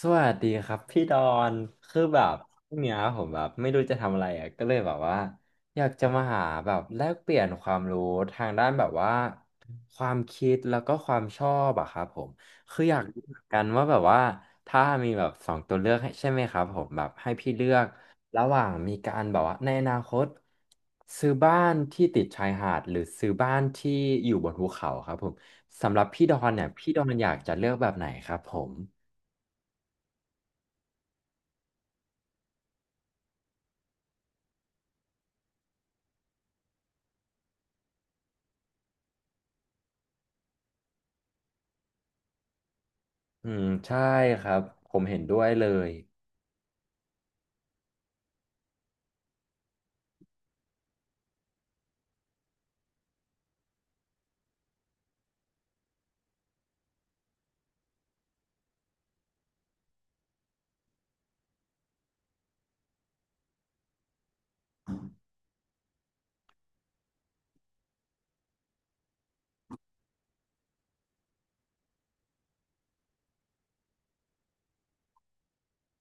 สวัสดีครับพี่ดอนคือแบบพรุ่งเนี้ยผมแบบไม่รู้จะทำอะไรอ่ะก็เลยแบบว่าอยากจะมาหาแบบแลกเปลี่ยนความรู้ทางด้านแบบว่าความคิดแล้วก็ความชอบอะครับผมคืออยากรู้เหมือนกันว่าแบบว่าถ้ามีแบบสองตัวเลือกให้ใช่ไหมครับผมแบบให้พี่เลือกระหว่างมีการแบบว่าในอนาคตซื้อบ้านที่ติดชายหาดหรือซื้อบ้านที่อยู่บนภูเขาครับผมสำหรับพี่ดอนเนี่ยพี่ดอนอยากจะเลือกแบบไหนครับผม อืมใช่ครับผมเห็นด้วยเลย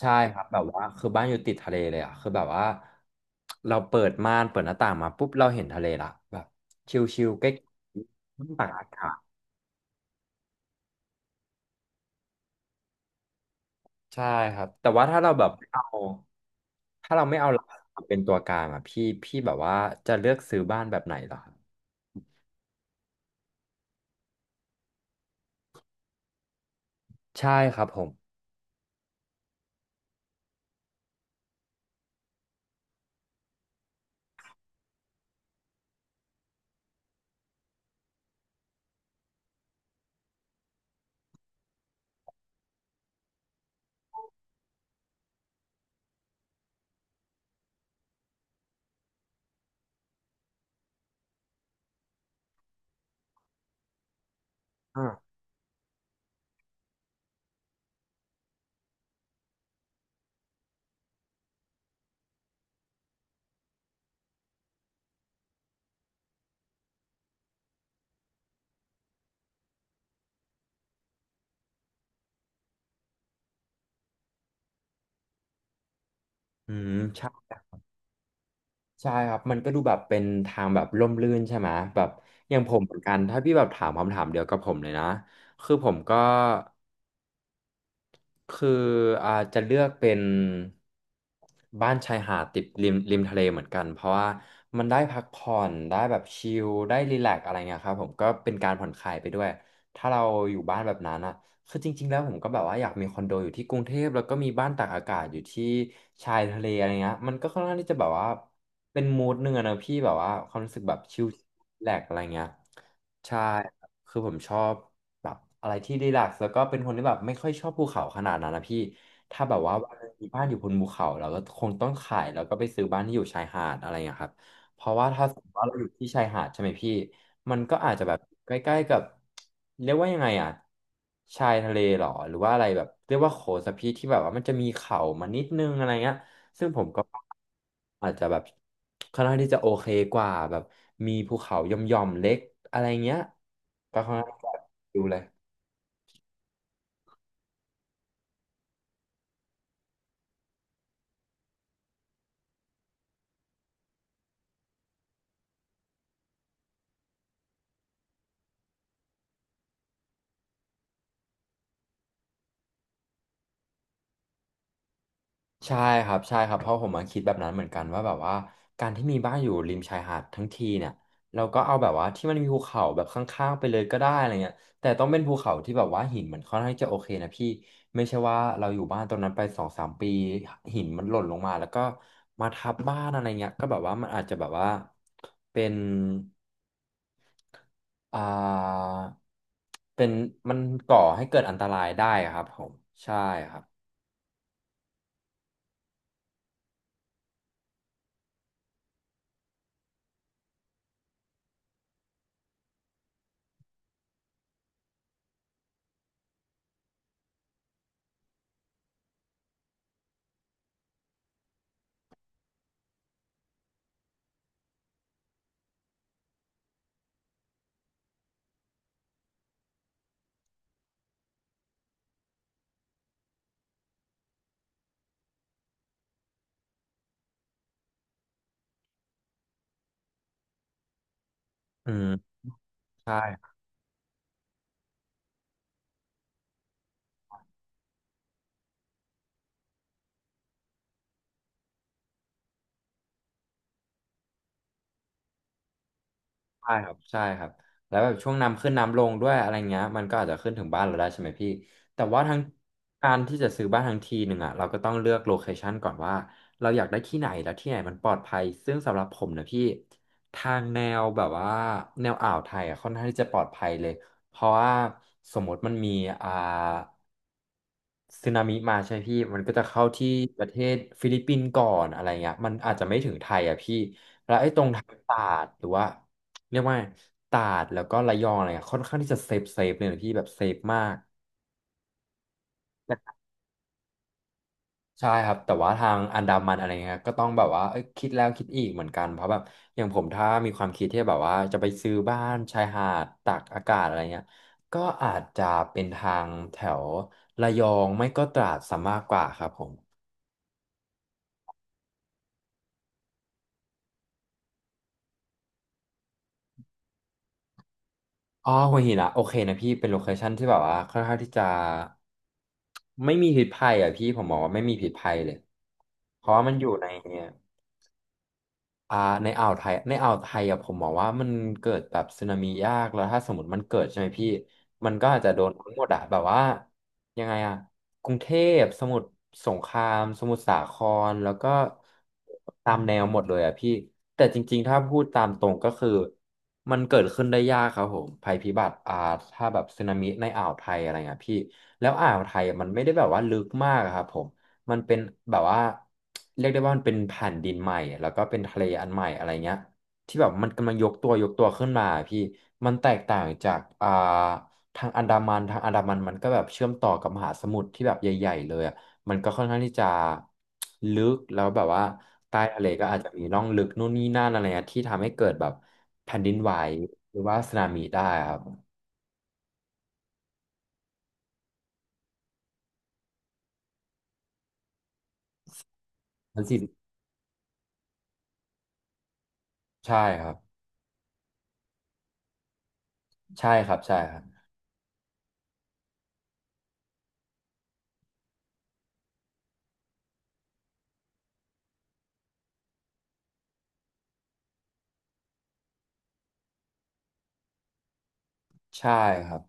ใช่ครับแบบว่าคือบ้านอยู่ติดทะเลเลยอ่ะคือแบบว่าเราเปิดม่านเปิดหน้าต่างมาปุ๊บเราเห็นทะเลละแบบชิลๆใกล้ๆตากอากาศใช่ครับแต่ว่าถ้าเราแบบไม่เอาถ้าเราไม่เอาหลักเป็นตัวกลางอ่ะพี่แบบว่าจะเลือกซื้อบ้านแบบไหนเหรอครับใช่ครับผมอืมอืม ใช่ครับ มันก็ดูแบบเป็นทางแบบร่มรื่นใช่ไหมแบบอย่างผมเหมือนกัน ถ้าพี่แบบถามคำถามเดียวกับผมเลยนะ คือผมก็คือจะเลือกเป็นบ้านชายหาดติดริมทะเลเหมือนกัน เพราะว่ามันได้พักผ่อนได้แบบชิลได้รีแลกซ์อะไรเงี้ยครับผมก็เป็นการผ่อนคลายไปด้วย ถ้าเราอยู่บ้านแบบนั้นอะ คือจริงๆ แล้วผมก็แบบว่าอยากมีคอนโดอยู่ที่กรุงเทพแล้วก็มีบ้านตากอากาศอยู่ที่ชายทะเลอะไรเงี้ยมันก็ค่อนข้างที่จะแบบว่าเป็นมูดหนึ่งอะนะพี่แบบว่าความรู้สึกแบบชิลแลกอะไรเงี้ยใช่คือผมชอบแบบอะไรที่รีแลกซ์แล้วก็เป็นคนที่แบบไม่ค่อยชอบภูเขาขนาดนั้นนะพี่ถ้าแบบว่าวันหนึ่งมีบ้านอยู่บนภูเขาเราก็คงต้องขายแล้วก็ไปซื้อบ้านที่อยู่ชายหาดอะไรเงี้ยครับ เพราะว่าถ้าสมมติว่าเราอยู่ที่ชายหาดใช่ไหมพี่มันก็อาจจะแบบใกล้ๆกับเรียกว่ายังไงอ่ะชายทะเลหรอหรือว่าอะไรแบบเรียกว่าโขสพีที่แบบว่ามันจะมีเขามานิดนึงอะไรเงี้ยซึ่งผมก็อาจจะแบบค่อนข้างที่จะโอเคกว่าแบบมีภูเขาหย่อมๆเล็กอะไรเงี้ยก็ค่อนข้างที่จะดูเลย ใช่ครับใช่ครับเพราะผมมาคิดแบบนั้นเหมือนกันว่าแบบว่าการที่มีบ้านอยู่ริมชายหาดทั้งทีเนี่ยเราก็เอาแบบว่าที่มันมีภูเขาแบบข้างๆไปเลยก็ได้อะไรเงี้ยแต่ต้องเป็นภูเขาที่แบบว่าหินมันค่อนข้างจะโอเคนะพี่ไม่ใช่ว่าเราอยู่บ้านตรงนั้นไปสองสามปีหินมันหล่นลงมาแล้วก็มาทับบ้านอะไรเงี้ยก็แบบว่ามันอาจจะแบบว่าเป็นอ่าเป็นมันก่อให้เกิดอันตรายได้ครับผมใช่ครับอืมใช่ ใช่ครับใช่ครับแล้วแบบช่วงน้ำขึ้นน้ำลงด้วยอะไรเงี้ยมันก็อาจจะขึ้นถึงบ้านเราได้ใช่ไหมพี่แต่ว่าทั้งการที่จะซื้อบ้านทั้งทีหนึ่งอ่ะเราก็ต้องเลือกโลเคชันก่อนว่าเราอยากได้ที่ไหนแล้วที่ไหนมันปลอดภัยซึ่งสำหรับผมนะพี่ทางแนวแบบว่าแนวอ่าวไทยอ่ะค่อนข้างที่จะปลอดภัยเลยเพราะว่าสมมติมันมีอ่า สึนามิมาใช่พี่มันก็จะเข้าที่ประเทศฟิลิปปินส์ก่อนอะไรเงี้ยมันอาจจะไม่ถึงไทยอ่ะพี่แล้วไอ้ตรงทางตราดหรือว่าเรียกว่าตราดแล้วก็ระยองอะไรเงี้ยค่อนข้างที่จะเซฟเลยนะพี่แบบเซฟมากใช่ครับแต่ว่าทางอันดามันอะไรเงี้ยก็ต้องแบบว่าเอ้ยคิดแล้วคิดอีกเหมือนกันเพราะแบบอย่างผมถ้ามีความคิดที่แบบว่าจะไปซื้อบ้านชายหาดตากอากาศอะไรเงี้ยก็อาจจะเป็นทางแถวระยองไม่ก็ตราดซะมากกว่าครับผม อ๋อหัวหินอะโอเคนะพี่เป็นโลเคชั่นที่แบบว่าค่อนข้างที่จะไม่มีพิษภัยอ่ะพี่ผมบอกว่าไม่มีพิษภัยเลยเพราะว่ามันอยู่ในเนี่ย อ่าในอ่าวไทยในอ่าวไทยอะผมบอกว่ามันเกิดแบบสึนามิยากแล้วถ้าสมมติมันเกิดใช่ไหมพี่มันก็อาจจะโดนทั้งหมดอะแบบว่ายังไงอะกรุงเทพสมุทรสงครามสมุทรสาครแล้วก็ตามแนวหมดเลยอะพี่แต่จริงๆถ้าพูดตามตรงก็คือมันเกิดขึ้นได้ยากครับผมภัยพิบัติถ้าแบบสึนามิในอ่าวไทยอะไรเงี้ยพี่แล้วอ่าวไทยอะมันไม่ได้แบบว่าลึกมากอะครับผม มันเป็นแบบว่าเรียกได้ว่ามันเป็นแผ่นดินใหม่แล้วก็เป็นทะเลอันใหม่อะไรเงี้ยที่แบบมันกำลังยกตัวยกตัวขึ้นมาพี่มันแตกต่างจากทางอันดามันทางอันดามันมันก็แบบเชื่อมต่อกับมหาสมุทรที่แบบใหญ่ๆเลยอะมันก็ค่อนข้างที่จะลึกแล้วแบบว่าใต้ทะเลก็อาจจะมีร่องลึกนู่นนี่นั่นอะไรเงี้ยที่ทำให้เกิดแบบแผ่นดินไหวหรือว่าสึนามิได้ครับมันสิใช่ครับใช่ครับใช่ครับใช่ครับ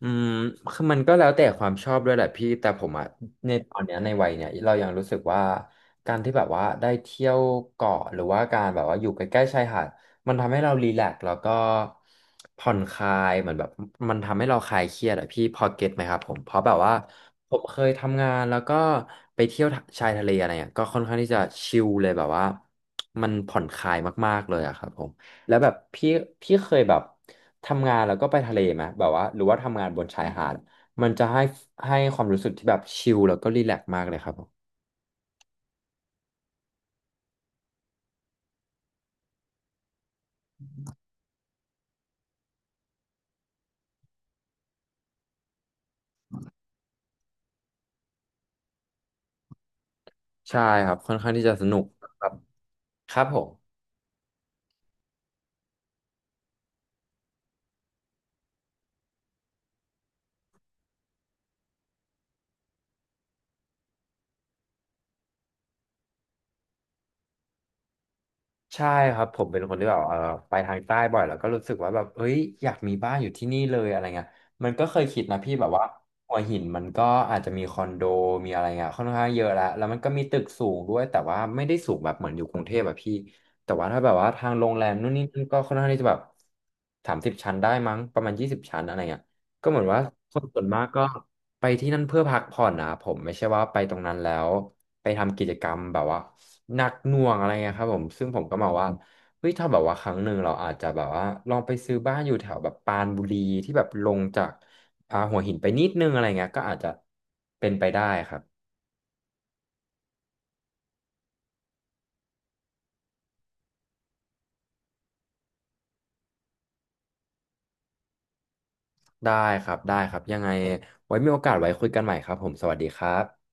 อืมคือมันก็แล้วแต่ความชอบด้วยแหละพี่แต่ผมอะในตอนเนี้ยในวัยเนี้ยเรายังรู้สึกว่าการที่แบบว่าได้เที่ยวเกาะหรือว่าการแบบว่าอยู่ใกล้ๆชายหาดมันทำให้เรารีแลกซ์แล้วก็ผ่อนคลายเหมือนแบบมันทำให้เราคลายเครียดอะพี่พอเก็ตไหมครับผมเพราะแบบว่าผมเคยทำงานแล้วก็ไปเที่ยวชายทะเลอะไรเงี้ยก็ค่อนข้างที่จะชิลเลยแบบว่ามันผ่อนคลายมากๆเลยอะครับผมแล้วแบบพี่เคยแบบ ทำงานแล้วก็ไปทะเลไหมแบบว่าหรือว่าทำงานบนชายหาด มันจะให้ให้ความรู้สึกที่แบบชิลแล้วก็รีแลกซ์มากเลยครับผมใช่ครับค่อนข้างที่จะสนุกครับครับผม ใช่ครับผมเป็นคนที่แบบไปทางใต้บ่อยแล้วก็รู้สึกว่าแบบเฮ้ยอยากมีบ้านอยู่ที่นี่เลยอะไรเงี้ยมันก็เคยคิดนะพี่แบบว่าหัวหินมันก็อาจจะมีคอนโดมีอะไรเงี้ยค่อนข้างเยอะแล้วแล้วมันก็มีตึกสูงด้วยแต่ว่าไม่ได้สูงแบบเหมือนอยู่กรุงเทพแบบพี่แต่ว่าถ้าแบบว่าทางโรงแรมนู่นนี่นั่นก็ค่อนข้างที่จะแบบ30 ชั้นได้มั้งประมาณ20 ชั้นอะไรเงี้ยก็เหมือนว่าคนส่วนมากก็ ไปที่นั่นเพื่อพักผ่อนนะผมไม่ใช่ว่าไปตรงนั้นแล้วไปทำกิจกรรมแบบว่าหนักหน่วงอะไรเงี้ยครับผมซึ่งผมก็มองว่าเฮ้ยถ้าแบบว่าครั้งหนึ่งเราอาจจะแบบว่าลองไปซื้อบ้านอยู่แถวแบบปรานบุรีที่แบบลงจากหัวหินไปนิดนึงอะไรเงี้ยก็อาจจะเป็นไปได้ครับได้ครับได้ครับยังไงไว้มีโอกาสไว้คุยกันใหม่ครับผมสวัสดีครับ